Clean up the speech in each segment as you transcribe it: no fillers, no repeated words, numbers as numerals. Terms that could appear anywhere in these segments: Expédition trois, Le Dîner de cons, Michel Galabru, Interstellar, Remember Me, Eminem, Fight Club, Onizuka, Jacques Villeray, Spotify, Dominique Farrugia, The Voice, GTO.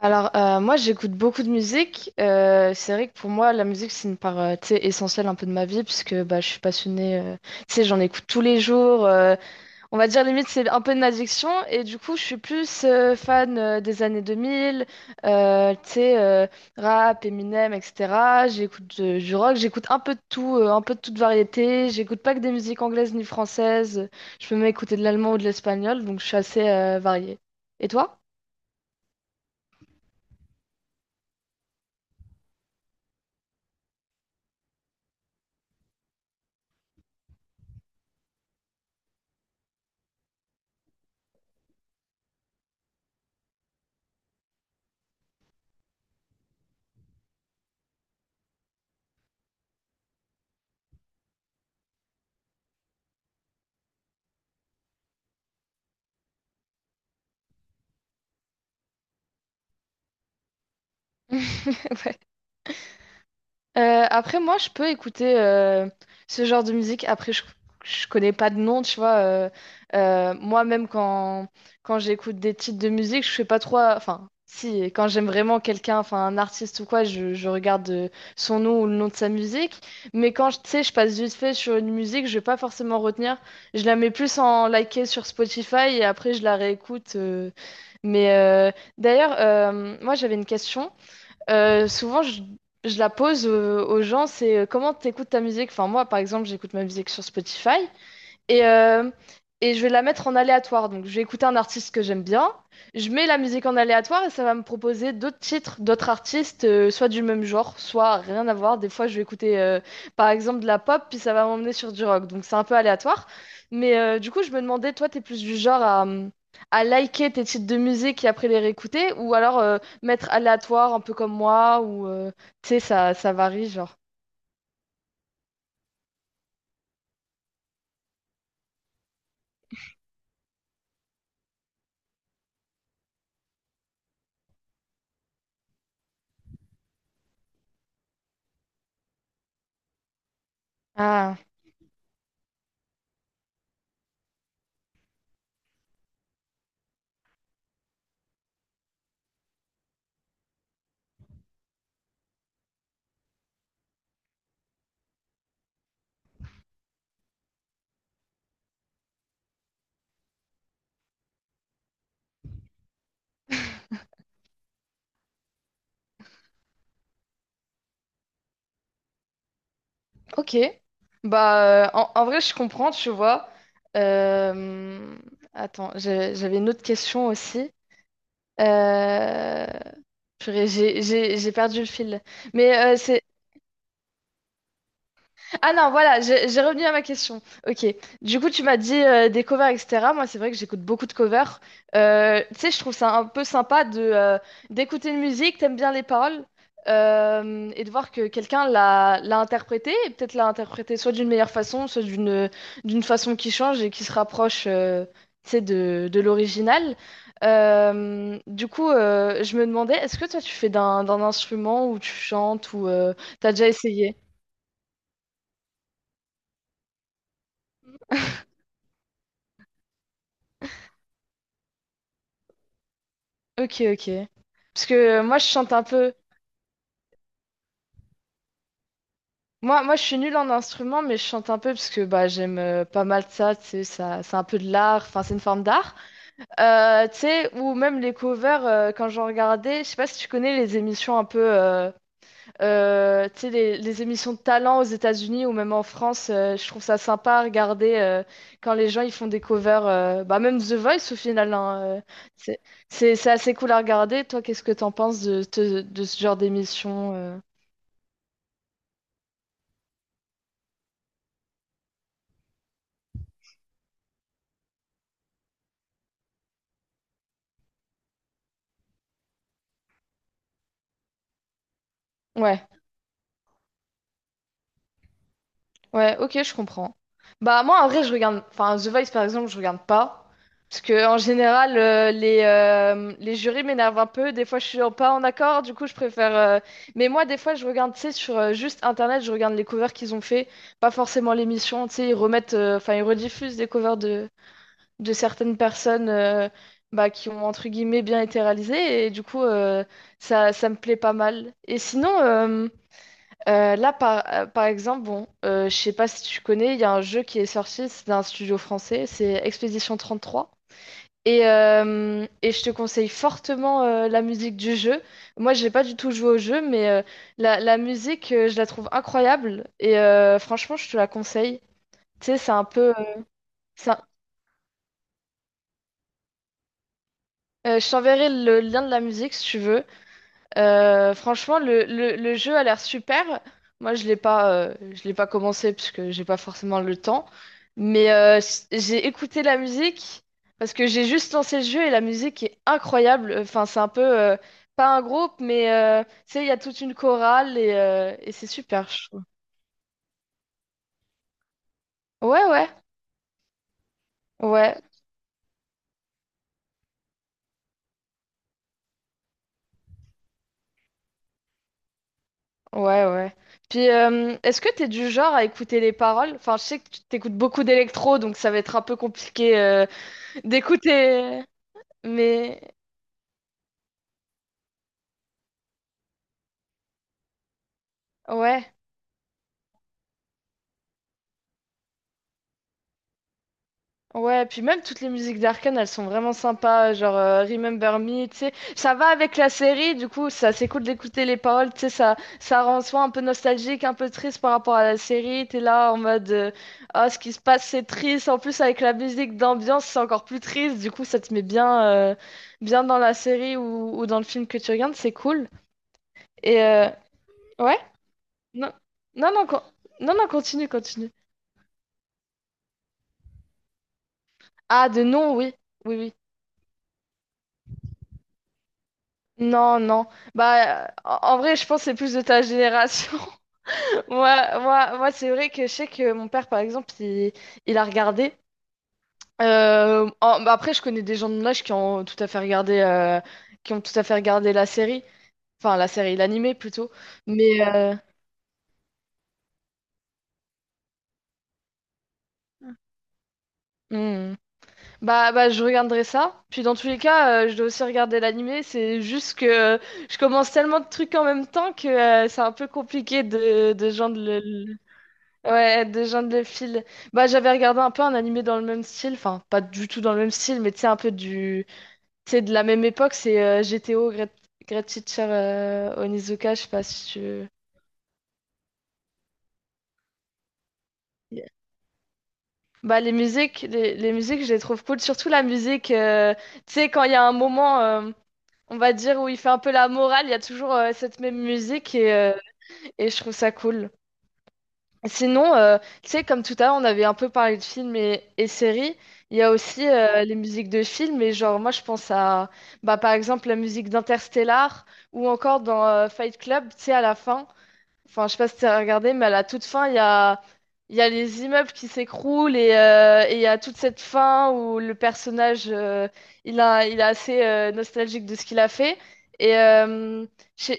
Moi, j'écoute beaucoup de musique. C'est vrai que pour moi, la musique, c'est une part tu sais, essentielle un peu de ma vie, puisque je suis passionnée. Tu sais, j'en écoute tous les jours. On va dire, limite, c'est un peu une addiction. Et du coup, je suis plus fan des années 2000, euh, tu sais, euh, rap, Eminem, etc. J'écoute du rock, j'écoute un peu de tout, un peu de toute variété. J'écoute pas que des musiques anglaises ni françaises. Je peux même écouter de l'allemand ou de l'espagnol, donc je suis assez variée. Et toi? Après, moi, je peux écouter ce genre de musique. Je connais pas de nom, tu vois. Moi-même, quand j'écoute des titres de musique, je fais pas trop. Enfin, si, quand j'aime vraiment quelqu'un, enfin, un artiste ou quoi, je regarde son nom ou le nom de sa musique. Mais tu sais, je passe vite fait sur une musique, je vais pas forcément retenir. Je la mets plus en liker sur Spotify et après, je la réécoute. Mais d'ailleurs, moi, j'avais une question. Souvent, je la pose aux gens, c'est comment tu écoutes ta musique. Enfin, moi, par exemple, j'écoute ma musique sur Spotify. Et, euh, et je vais la mettre en aléatoire. Donc, je vais écouter un artiste que j'aime bien. Je mets la musique en aléatoire et ça va me proposer d'autres titres, d'autres artistes, soit du même genre, soit rien à voir. Des fois, je vais écouter, par exemple, de la pop, puis ça va m'emmener sur du rock. Donc, c'est un peu aléatoire. Mais du coup, je me demandais, toi, t'es plus du genre à liker tes titres de musique et après les réécouter, ou alors mettre aléatoire, un peu comme moi, ou, tu sais, ça varie, genre. Ah. Ok. Bah, en vrai, je comprends, tu vois. Euh, Attends, j'avais une autre question aussi. Euh... Purée, j'ai perdu le fil. Mais c'est... Ah non, voilà, j'ai revenu à ma question. Ok. Du coup, tu m'as dit des covers, etc. Moi, c'est vrai que j'écoute beaucoup de covers. Tu sais, je trouve ça un peu sympa de d'écouter une musique, t'aimes bien les paroles, et de voir que quelqu'un l'a interprétée, et peut-être l'a interprétée soit d'une meilleure façon, soit d'une façon qui change et qui se rapproche, tu sais, de l'original. Je me demandais, est-ce que toi, tu fais d'un instrument ou tu chantes ou t'as déjà essayé? Ok, ok. Parce que moi, je chante un peu. Je suis nulle en instrument, mais je chante un peu parce que bah, j'aime pas mal ça. Tu sais, ça, c'est un peu de l'art. Enfin, c'est une forme d'art. Tu sais, ou même les covers, quand j'en regardais, je sais pas si tu connais les émissions un peu. Tu sais, les émissions de talent aux États-Unis ou même en France. Je trouve ça sympa à regarder quand les gens ils font des covers. Bah, même The Voice au final. Hein, c'est, c'est assez cool à regarder. Toi, qu'est-ce que t'en penses de ce genre d'émission? Ouais, ouais, ok, je comprends. Bah moi en vrai je regarde, enfin The Voice par exemple je regarde pas, parce que en général les jurys m'énervent un peu, des fois je suis pas en accord, du coup je préfère... Mais moi des fois je regarde, tu sais, sur juste internet, je regarde les covers qu'ils ont fait, pas forcément l'émission, tu sais, ils remettent, enfin ils rediffusent des covers de certaines personnes bah, qui ont entre guillemets bien été réalisées, et du coup ça me plaît pas mal. Et sinon... là, par exemple, bon, je sais pas si tu connais, il y a un jeu qui est sorti, c'est d'un studio français, c'est Expédition trois. Et je te conseille fortement la musique du jeu. Moi, j'ai pas du tout joué au jeu, mais la musique, je la trouve incroyable. Et franchement, je te la conseille. Tu sais, c'est un peu. C'est un- je t'enverrai le lien de la musique si tu veux. Franchement, le jeu a l'air super. Moi, je l'ai pas commencé parce que j'ai pas forcément le temps. Mais j'ai écouté la musique parce que j'ai juste lancé le jeu et la musique est incroyable. Enfin, c'est un peu pas un groupe, mais tu sais, il y a toute une chorale et c'est super, je trouve. Ouais, ouais, ouais, ouais, ouais. Puis, est-ce que t'es du genre à écouter les paroles? Enfin, je sais que tu t'écoutes beaucoup d'électro, donc ça va être un peu compliqué d'écouter, mais... Ouais, ouais, puis même toutes les musiques d'Arkane, elles sont vraiment sympas, genre Remember Me, tu sais, ça va avec la série, du coup, ça c'est cool d'écouter les paroles, tu sais, ça rend soi un peu nostalgique, un peu triste par rapport à la série, t'es là en mode, ah, ce qui se passe c'est triste, en plus avec la musique d'ambiance c'est encore plus triste, du coup ça te met bien, bien dans la série ou dans le film que tu regardes, c'est cool. Et ouais, non, non, non, con- non, non, continue, continue. Ah, de non, oui, oui, oui. Non, non. Bah, en vrai, je pense que c'est plus de ta génération. Moi c'est vrai que je sais que mon père, par exemple, il a regardé. Bah après, je connais des gens de mon âge qui ont tout à fait regardé, qui ont tout à fait regardé la série. Enfin, la série, l'animé plutôt. Mais hmm. Bah, bah, je regarderai ça. Puis dans tous les cas, je dois aussi regarder l'animé. C'est juste que je commence tellement de trucs en même temps que c'est un peu compliqué de joindre le... Ouais, des gens de fil. Bah, j'avais regardé un peu un animé dans le même style, enfin, pas du tout dans le même style, mais tu sais, un peu du. Tu sais, de la même époque, c'est GTO, Great Teacher Onizuka, je sais pas si tu. Yeah. Bah, les musiques, les musiques, je les trouve cool, surtout la musique, tu sais, quand il y a un moment, on va dire, où il fait un peu la morale, il y a toujours cette même musique et je trouve ça cool. Sinon, tu sais, comme tout à l'heure, on avait un peu parlé de films et séries. Il y a aussi les musiques de films. Et genre, moi, je pense à, bah, par exemple, la musique d'Interstellar ou encore dans Fight Club, tu sais, à la fin. Enfin, je sais pas si tu as regardé, mais à la toute fin, il y a les immeubles qui s'écroulent et il y a toute cette fin où le personnage, il est assez nostalgique de ce qu'il a fait. Et je sais...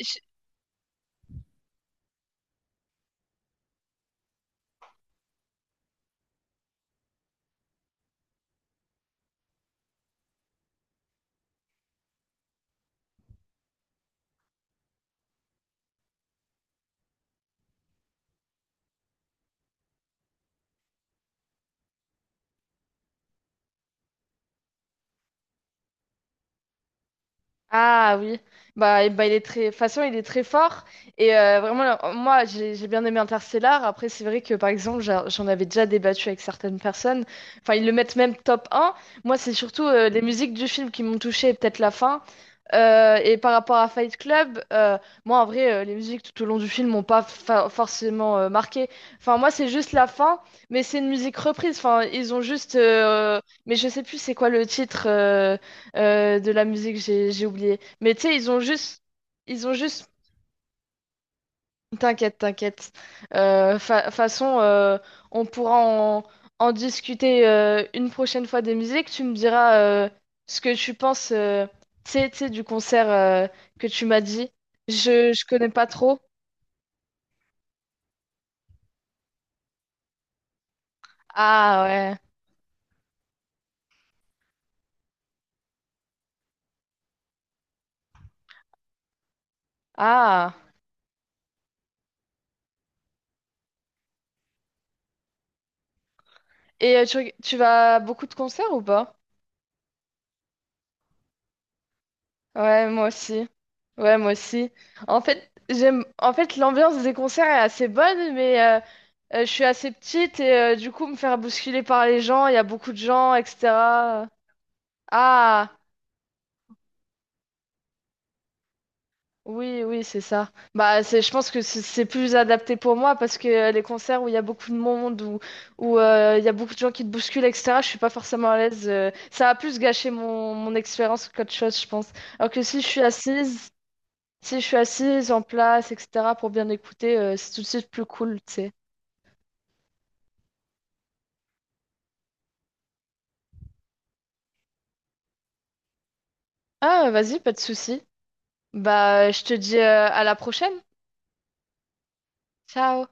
Ah oui, bah, bah il est très, de toute façon il est très fort et vraiment là, moi j'ai bien aimé Interstellar. Après c'est vrai que par exemple j'en avais déjà débattu avec certaines personnes. Enfin ils le mettent même top un. Moi c'est surtout les musiques du film qui m'ont touché et peut-être la fin. Et par rapport à Fight Club, moi en vrai les musiques tout au long du film m'ont pas forcément marqué. Enfin moi c'est juste la fin, mais c'est une musique reprise. Enfin ils ont juste, mais je sais plus c'est quoi le titre. De la musique, j'ai oublié. Mais tu sais, ils ont juste, t'inquiète, t'inquiète. Façon, on pourra en, en discuter une prochaine fois des musiques. Tu me diras ce que tu penses, tu sais, du concert que tu m'as dit. Je connais pas trop. Ah ouais. Ah. Et tu vas à beaucoup de concerts ou pas? Ouais, moi aussi. Ouais, moi aussi. En fait, j'aime. En fait, l'ambiance des concerts est assez bonne, mais je suis assez petite et du coup, me faire bousculer par les gens, il y a beaucoup de gens, etc. Ah, oui, oui, c'est ça. Bah, je pense que c'est plus adapté pour moi parce que les concerts où il y a beaucoup de monde, où il y a beaucoup de gens qui te bousculent, etc., je suis pas forcément à l'aise. Ça a plus gâché mon expérience qu'autre chose, je pense. Alors que si je suis assise, si je suis assise en place, etc., pour bien écouter, c'est tout de suite plus cool, tu sais. Ah, vas-y, pas de souci. Bah, je te dis à la prochaine. Ciao.